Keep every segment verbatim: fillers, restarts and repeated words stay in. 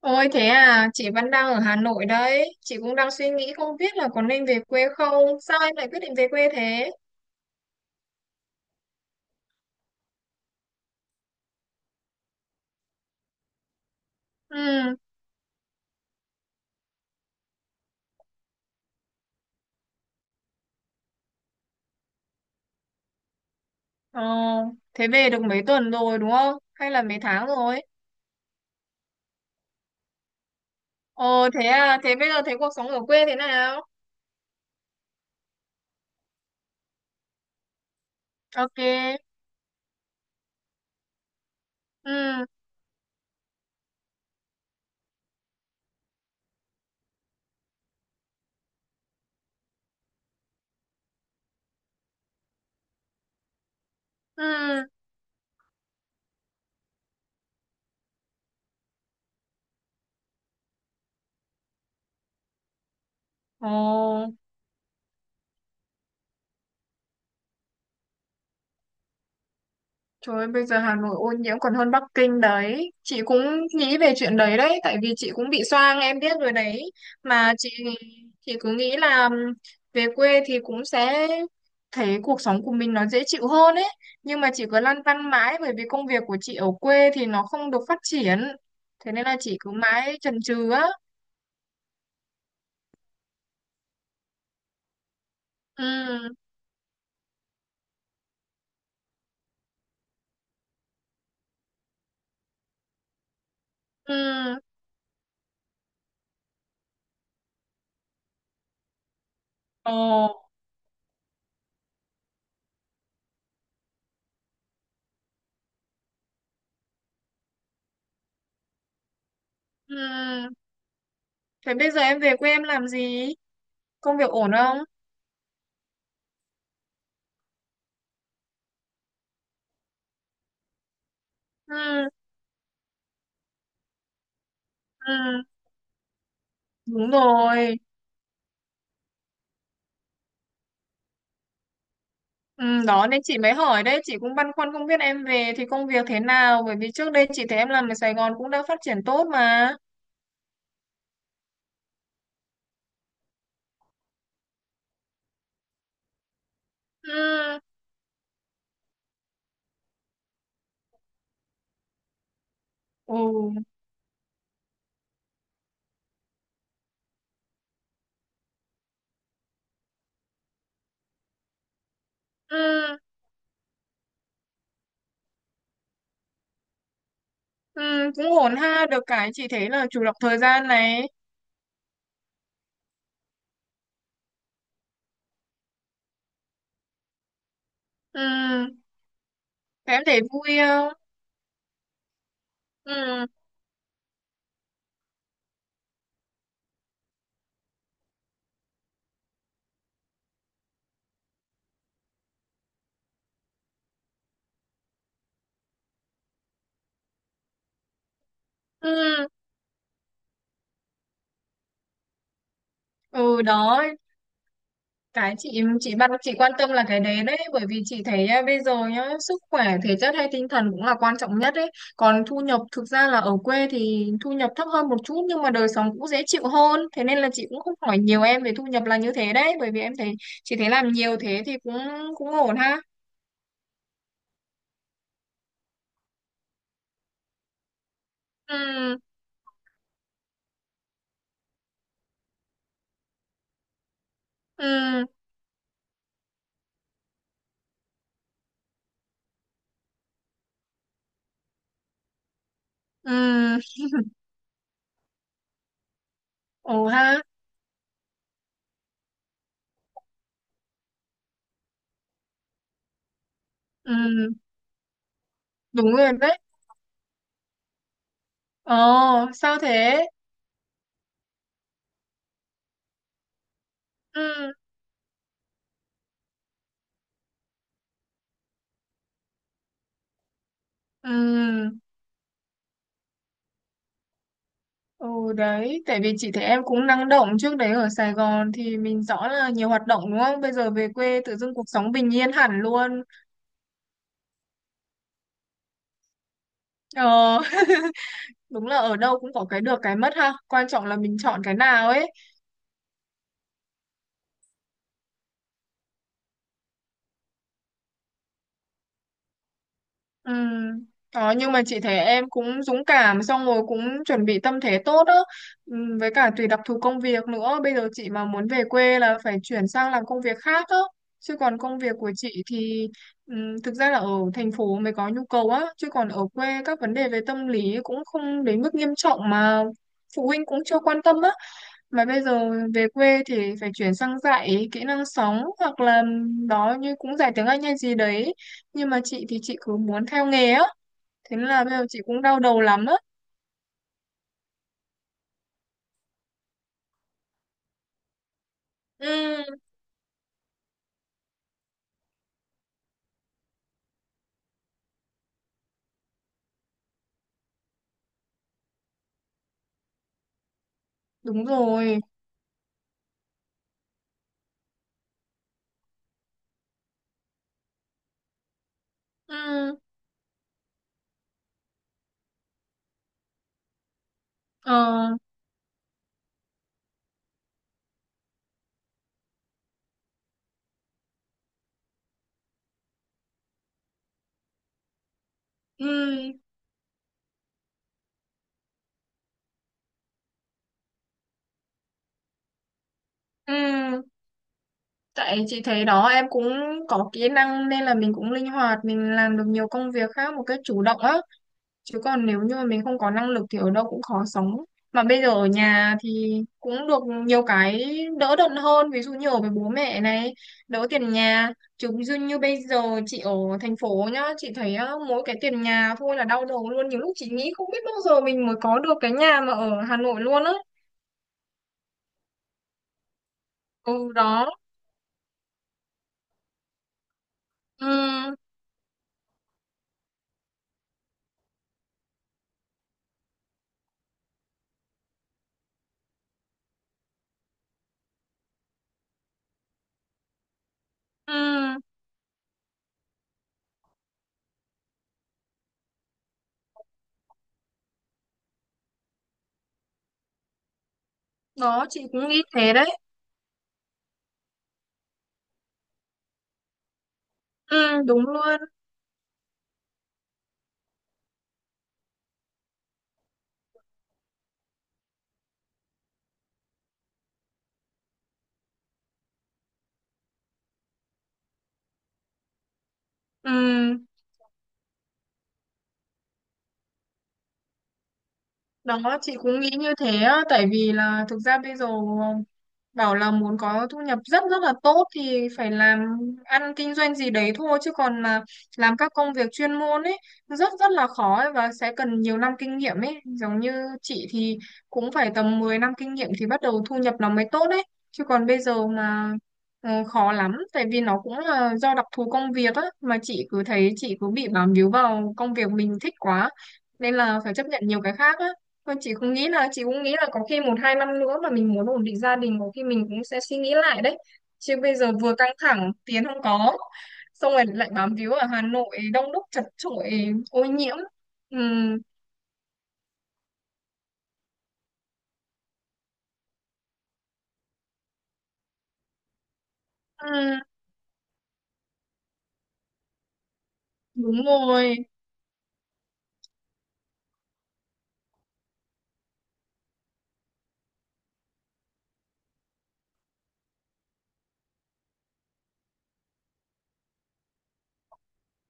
Ôi thế à, chị vẫn đang ở Hà Nội đấy. Chị cũng đang suy nghĩ không biết là có nên về quê không. Sao em lại quyết định về quê thế? Ừ. ờ, Thế về được mấy tuần rồi, đúng không? Hay là mấy tháng rồi? Ồ thế à, thế bây giờ thấy cuộc sống ở quê thế nào? Ok. Ừ. Ừ. Ồ. Trời ơi, bây giờ Hà Nội ô nhiễm còn hơn Bắc Kinh đấy. Chị cũng nghĩ về chuyện đấy đấy, tại vì chị cũng bị xoang, em biết rồi đấy. Mà chị chị cứ nghĩ là ừm, về quê thì cũng sẽ thấy cuộc sống của mình nó dễ chịu hơn ấy. Nhưng mà chị cứ lăn tăn mãi bởi vì công việc của chị ở quê thì nó không được phát triển. Thế nên là chị cứ mãi chần chừ á. Ừ. Ừ. Ờ. Ừ. Thế bây giờ em về quê em làm gì? Công việc ổn không? Ừ. Ừ, đúng rồi. Ừ, đó nên chị mới hỏi đấy, chị cũng băn khoăn không biết em về thì công việc thế nào, bởi vì trước đây chị thấy em làm ở Sài Gòn cũng đã phát triển tốt mà. Ừ. Ừ. Ừ. Ừ, cũng ổn ha, được cái chị thấy là chủ động thời gian này. Ừ, thế em thấy vui không? Ừ. Ừ. Ừ, đó, cái chị chị bắt chị quan tâm là cái đấy đấy, bởi vì chị thấy à, bây giờ nhá, sức khỏe thể chất hay tinh thần cũng là quan trọng nhất đấy, còn thu nhập thực ra là ở quê thì thu nhập thấp hơn một chút nhưng mà đời sống cũng dễ chịu hơn, thế nên là chị cũng không hỏi nhiều em về thu nhập là như thế đấy, bởi vì em thấy chị thấy làm nhiều thế thì cũng cũng ổn ha. Ừ. Ừ. Ừ, ổn ha. Ừ, đúng rồi đấy. Ồ, sao thế? Ừ. Ừ. Ừ, đấy, tại vì chị thấy em cũng năng động trước đấy ở Sài Gòn thì mình rõ là nhiều hoạt động, đúng không? Bây giờ về quê tự dưng cuộc sống bình yên hẳn luôn. Ờ. Đúng là ở đâu cũng có cái được cái mất ha. Quan trọng là mình chọn cái nào ấy. Ừ. Đó, nhưng mà chị thấy em cũng dũng cảm, xong rồi cũng chuẩn bị tâm thế tốt đó. Ừ, với cả tùy đặc thù công việc nữa, bây giờ chị mà muốn về quê là phải chuyển sang làm công việc khác đó. Chứ còn công việc của chị thì ừ, thực ra là ở thành phố mới có nhu cầu á, chứ còn ở quê các vấn đề về tâm lý cũng không đến mức nghiêm trọng mà phụ huynh cũng chưa quan tâm á. Mà bây giờ về quê thì phải chuyển sang dạy kỹ năng sống, hoặc là đó, như cũng dạy tiếng Anh hay gì đấy. Nhưng mà chị thì chị cứ muốn theo nghề á. Thế nên là bây giờ chị cũng đau đầu lắm á. Ừ, đúng rồi. Ừ. Ờ. Ừ. Ừ. Tại chị thấy đó, em cũng có kỹ năng nên là mình cũng linh hoạt, mình làm được nhiều công việc khác một cách chủ động á. Chứ còn nếu như mà mình không có năng lực thì ở đâu cũng khó sống. Mà bây giờ ở nhà thì cũng được nhiều cái đỡ đần hơn, ví dụ như ở với bố mẹ này, đỡ tiền nhà. Chứ như như bây giờ chị ở thành phố nhá, chị thấy á, mỗi cái tiền nhà thôi là đau đầu luôn, nhiều lúc chị nghĩ không biết bao giờ mình mới có được cái nhà mà ở Hà Nội luôn á. Ừ, đó. Ừ. Ừ, đó, chị cũng nghĩ thế đấy. Ừ, đúng luôn. Ừ, đó, chị cũng nghĩ như thế á, tại vì là thực ra bây giờ bảo là muốn có thu nhập rất rất là tốt thì phải làm ăn kinh doanh gì đấy thôi, chứ còn mà làm các công việc chuyên môn ấy rất rất là khó ấy, và sẽ cần nhiều năm kinh nghiệm ấy, giống như chị thì cũng phải tầm mười năm kinh nghiệm thì bắt đầu thu nhập nó mới tốt đấy, chứ còn bây giờ mà ừ, khó lắm, tại vì nó cũng là do đặc thù công việc á mà chị cứ thấy chị cứ bị bám víu vào công việc mình thích quá, nên là phải chấp nhận nhiều cái khác á. Thôi chị cũng nghĩ là chị cũng nghĩ là có khi một hai năm nữa mà mình muốn ổn định gia đình có khi mình cũng sẽ suy nghĩ lại đấy, chứ bây giờ vừa căng thẳng tiền không có, xong rồi lại bám víu ở Hà Nội đông đúc chật chội ô nhiễm. Ừ. Ừ, đúng rồi.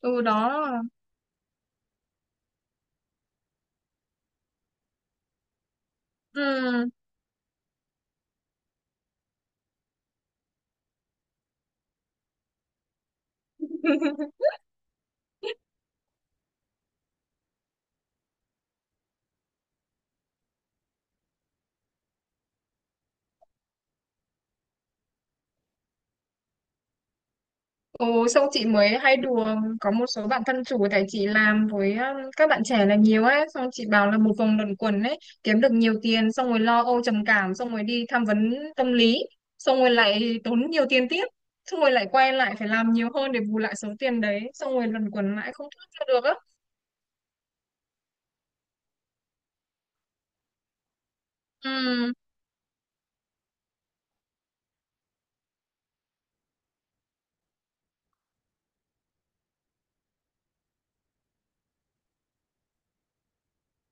Từ đó. Ừ. Ừ, xong chị mới hay đùa, có một số bạn thân chủ tại chị làm với um, các bạn trẻ là nhiều ấy, xong chị bảo là một vòng luẩn quẩn ấy, kiếm được nhiều tiền xong rồi lo âu trầm cảm, xong rồi đi tham vấn tâm lý, xong rồi lại tốn nhiều tiền tiếp, xong rồi lại quay lại phải làm nhiều hơn để bù lại số tiền đấy, xong rồi luẩn quẩn lại không thoát ra được á. Ừ.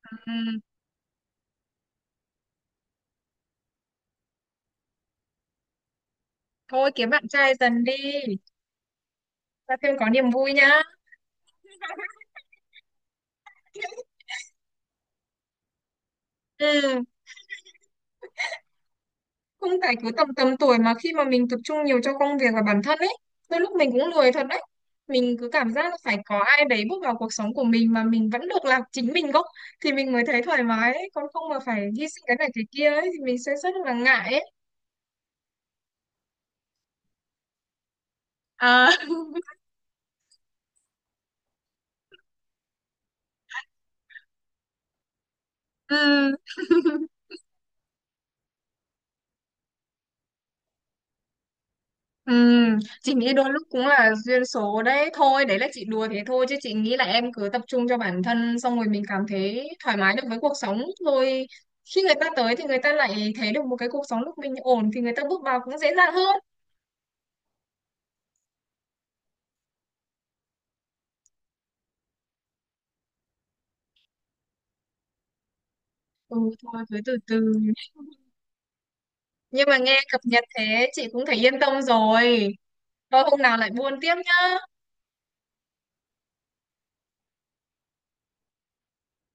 Ừ. Thôi kiếm bạn trai dần đi, ra thêm có niềm vui nhá. Ừ. Không phải cứ tầm tầm tuổi mà khi mà mình tập trung nhiều cho công việc và bản thân ấy, đôi lúc mình cũng lười thật đấy. Mình cứ cảm giác là phải có ai đấy bước vào cuộc sống của mình mà mình vẫn được làm chính mình gốc thì mình mới thấy thoải mái ấy. Còn không mà phải hy sinh cái này cái kia ấy thì mình sẽ rất là ngại ấy. À. Ừ. Ừ, chị nghĩ đôi lúc cũng là duyên số đấy thôi, đấy là chị đùa thế thôi, chứ chị nghĩ là em cứ tập trung cho bản thân xong rồi mình cảm thấy thoải mái được với cuộc sống rồi, khi người ta tới thì người ta lại thấy được một cái cuộc sống lúc mình ổn thì người ta bước vào cũng dễ dàng hơn. Ừ, thôi cứ từ từ. Nhưng mà nghe cập nhật thế chị cũng thấy yên tâm rồi, thôi hôm nào lại buôn tiếp nhá.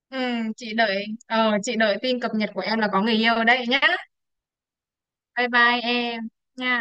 Ừ, chị đợi ờ chị đợi tin cập nhật của em là có người yêu đấy nhá. Bye bye em. Nha.